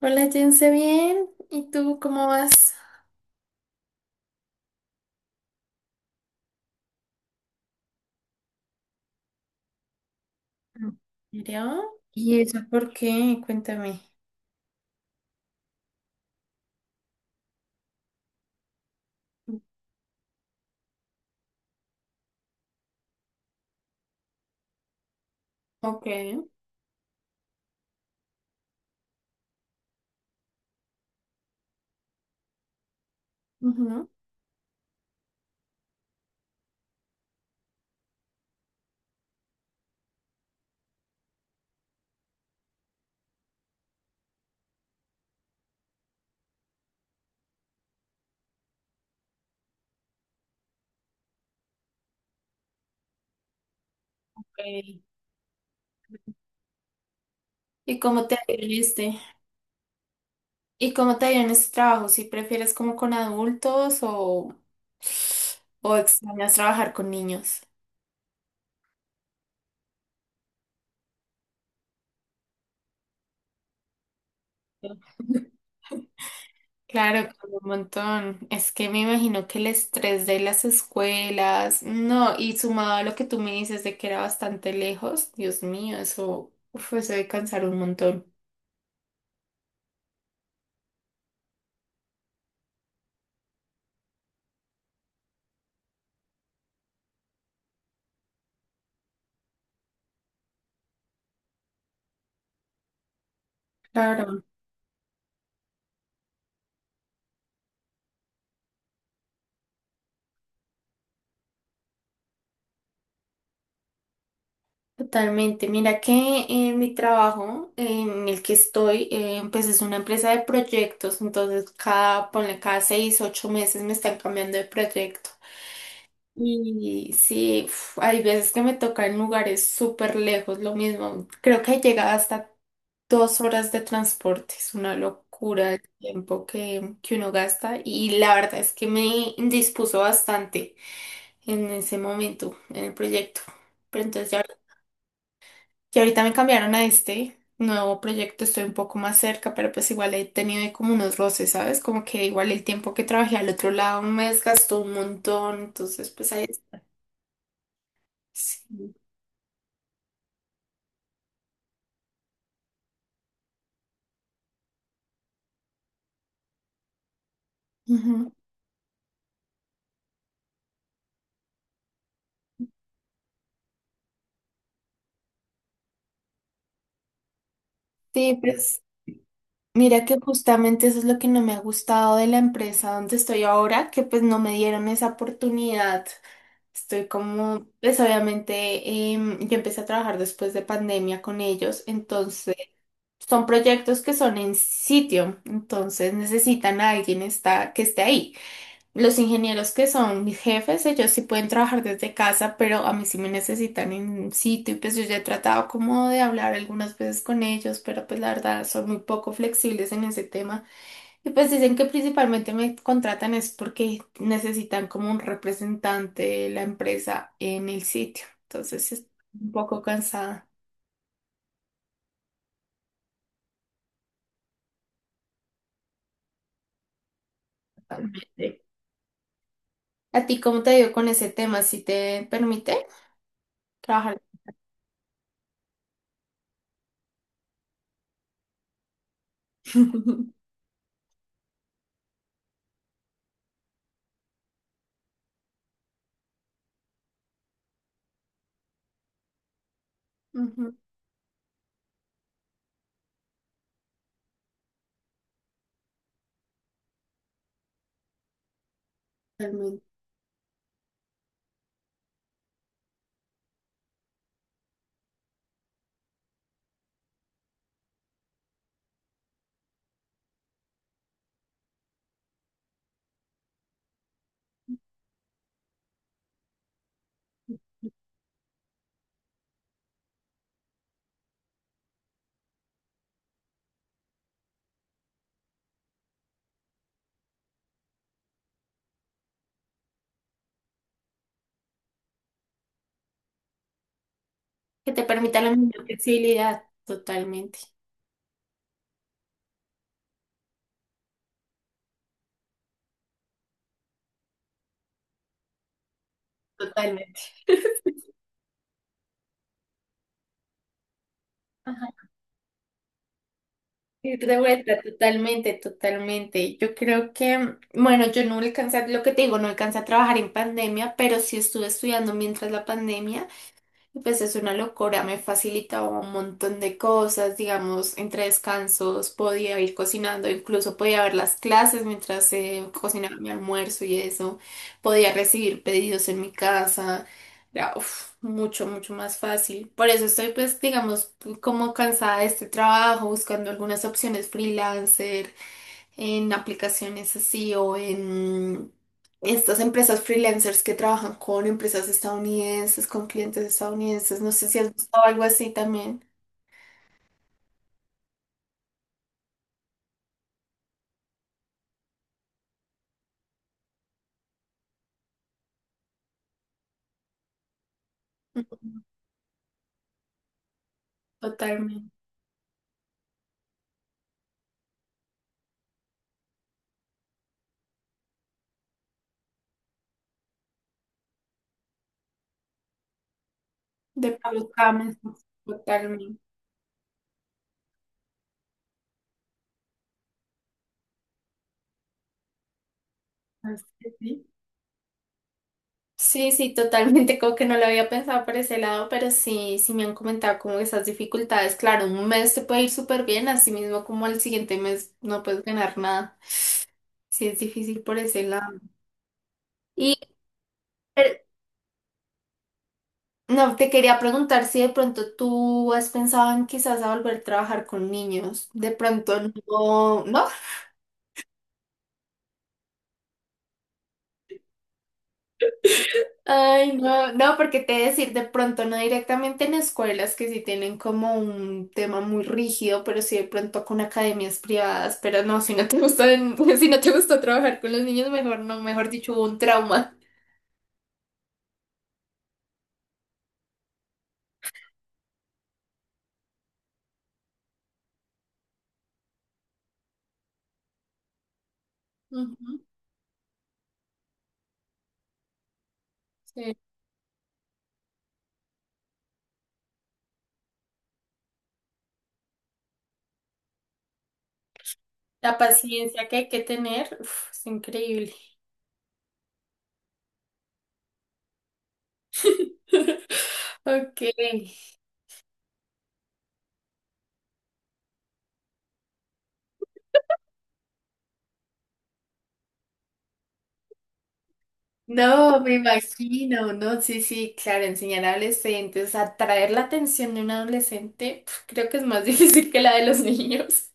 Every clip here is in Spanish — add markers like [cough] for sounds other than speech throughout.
Hola, Jense, bien. ¿Y tú cómo vas? Mm. ¿En serio? ¿Y eso por qué? Cuéntame. Ok. Ujú. Ok. ¿Y cómo te ha ido en este? ¿Y cómo te ha ido en este trabajo? ¿Si prefieres como con adultos o extrañas trabajar con niños? Claro, con un montón. Es que me imagino que el estrés de las escuelas, no, y sumado a lo que tú me dices de que era bastante lejos, Dios mío, eso, uf, eso debe cansar un montón. Claro, totalmente. Mira que en mi trabajo en el que estoy, pues es una empresa de proyectos, entonces cada, ponle cada 6, 8 meses me están cambiando de proyecto. Y sí, uf, hay veces que me toca en lugares súper lejos, lo mismo. Creo que llega hasta 2 horas de transporte, es una locura el tiempo que uno gasta, y la verdad es que me indispuso bastante en ese momento, en el proyecto. Pero entonces ya que ahorita me cambiaron a este nuevo proyecto, estoy un poco más cerca, pero pues igual he tenido ahí como unos roces, ¿sabes? Como que igual el tiempo que trabajé al otro lado me desgastó un montón, entonces pues ahí. Sí. Ujú. Sí, pues mira que justamente eso es lo que no me ha gustado de la empresa donde estoy ahora, que pues no me dieron esa oportunidad. Estoy como, pues obviamente yo empecé a trabajar después de pandemia con ellos. Son proyectos que son en sitio, entonces necesitan a alguien que esté ahí. Los ingenieros que son mis jefes, ellos sí pueden trabajar desde casa, pero a mí sí me necesitan en sitio, y pues yo ya he tratado como de hablar algunas veces con ellos, pero pues la verdad son muy poco flexibles en ese tema. Y pues dicen que principalmente me contratan es porque necesitan como un representante de la empresa en el sitio. Entonces estoy un poco cansada. ¿A ti cómo te dio con ese tema? ¿Si te permite trabajar? [laughs] Ujú. Totalmente. Que te permita la misma flexibilidad. Totalmente. Totalmente. Ajá. Ir de vuelta, totalmente, totalmente. Yo creo que, bueno, yo no alcancé, a- lo que te digo, no alcancé a trabajar en pandemia, pero sí estuve estudiando mientras la pandemia. Y pues es una locura, me facilitaba un montón de cosas, digamos, entre descansos podía ir cocinando, incluso podía ver las clases mientras cocinaba mi almuerzo y eso, podía recibir pedidos en mi casa, era uf, mucho, mucho más fácil. Por eso estoy pues, digamos, como cansada de este trabajo, buscando algunas opciones freelancer en aplicaciones así o en estas empresas freelancers que trabajan con empresas estadounidenses, con clientes estadounidenses. No sé si has visto algo así también. Totalmente. De Pablo Camus, totalmente. Así que sí, sí, sí, totalmente. Como que no lo había pensado por ese lado, pero sí, sí me han comentado como esas dificultades. Claro, un mes te puede ir súper bien, así mismo como al siguiente mes no puedes ganar nada. Sí, es difícil por ese lado. Y eh, no, te quería preguntar si de pronto tú has pensado en quizás a volver a trabajar con niños. De pronto no, no, ay, no, no, porque te he de decir, de pronto no directamente en escuelas que sí tienen como un tema muy rígido, pero sí de pronto con academias privadas. Pero no, si no te gusta, [laughs] si no te gusta trabajar con los niños, mejor no, mejor dicho, hubo un trauma. Ujú. Sí. La paciencia que hay que tener, uf, es increíble. [laughs] Ok. No, me imagino, no, sí, sí, claro, enseñar a adolescentes, o sea, atraer la atención de un adolescente, pf, creo que es más [laughs] difícil que la de los niños.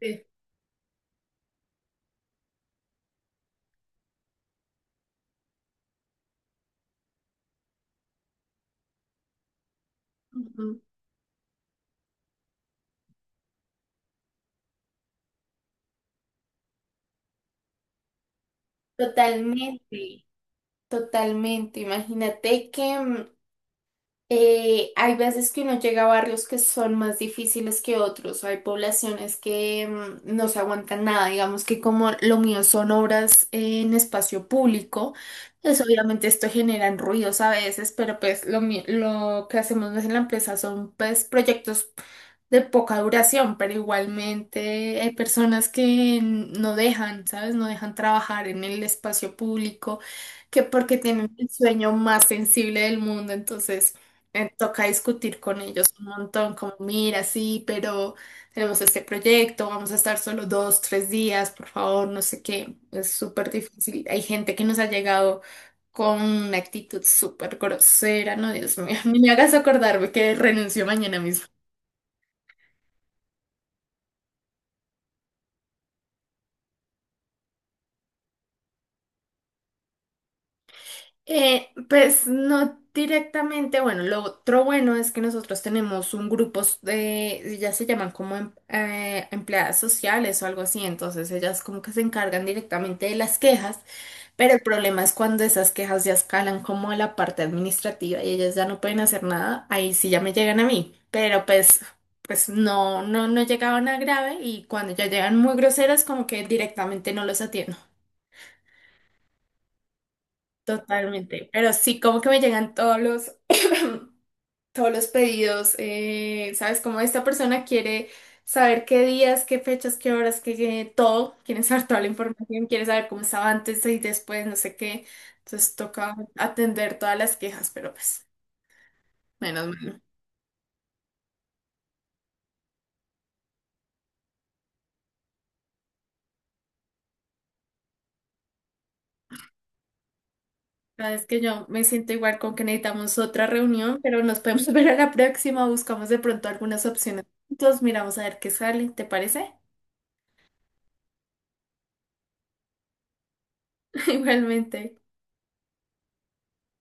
Sí. Ujú. Totalmente, totalmente. Imagínate que hay veces que uno llega a barrios que son más difíciles que otros, hay poblaciones que no se aguantan nada, digamos que como lo, mío son obras en espacio público, pues obviamente esto generan ruidos a veces, pero pues lo que hacemos en la empresa son pues proyectos de poca duración, pero igualmente hay personas que no dejan, ¿sabes? No dejan trabajar en el espacio público, que porque tienen el sueño más sensible del mundo, entonces toca discutir con ellos un montón, como, mira, sí, pero tenemos este proyecto, vamos a estar solo 2, 3 días, por favor, no sé qué, es súper difícil. Hay gente que nos ha llegado con una actitud súper grosera, no, Dios mío, [laughs] ni me hagas acordarme que renuncio mañana mismo. Pues no directamente, bueno, lo otro bueno es que nosotros tenemos un grupo de, ya se llaman como empleadas sociales o algo así, entonces ellas como que se encargan directamente de las quejas, pero el problema es cuando esas quejas ya escalan como a la parte administrativa y ellas ya no pueden hacer nada, ahí sí ya me llegan a mí, pero pues, pues no, no, no llegaban a grave, y cuando ya llegan muy groseras como que directamente no los atiendo. Totalmente, pero sí, como que me llegan todos los, [coughs] [clears throat] todos los pedidos, ¿sabes? Como esta persona quiere saber qué días, qué fechas, qué horas, todo, quiere saber toda la información, quiere saber cómo estaba antes y después, no sé qué. Entonces toca atender todas las quejas, pero pues, menos mal. Sabes que yo me siento igual con que necesitamos otra reunión, pero nos podemos [laughs] ver a la próxima, buscamos de pronto algunas opciones juntos, miramos a ver qué sale, ¿te parece? [laughs] Igualmente.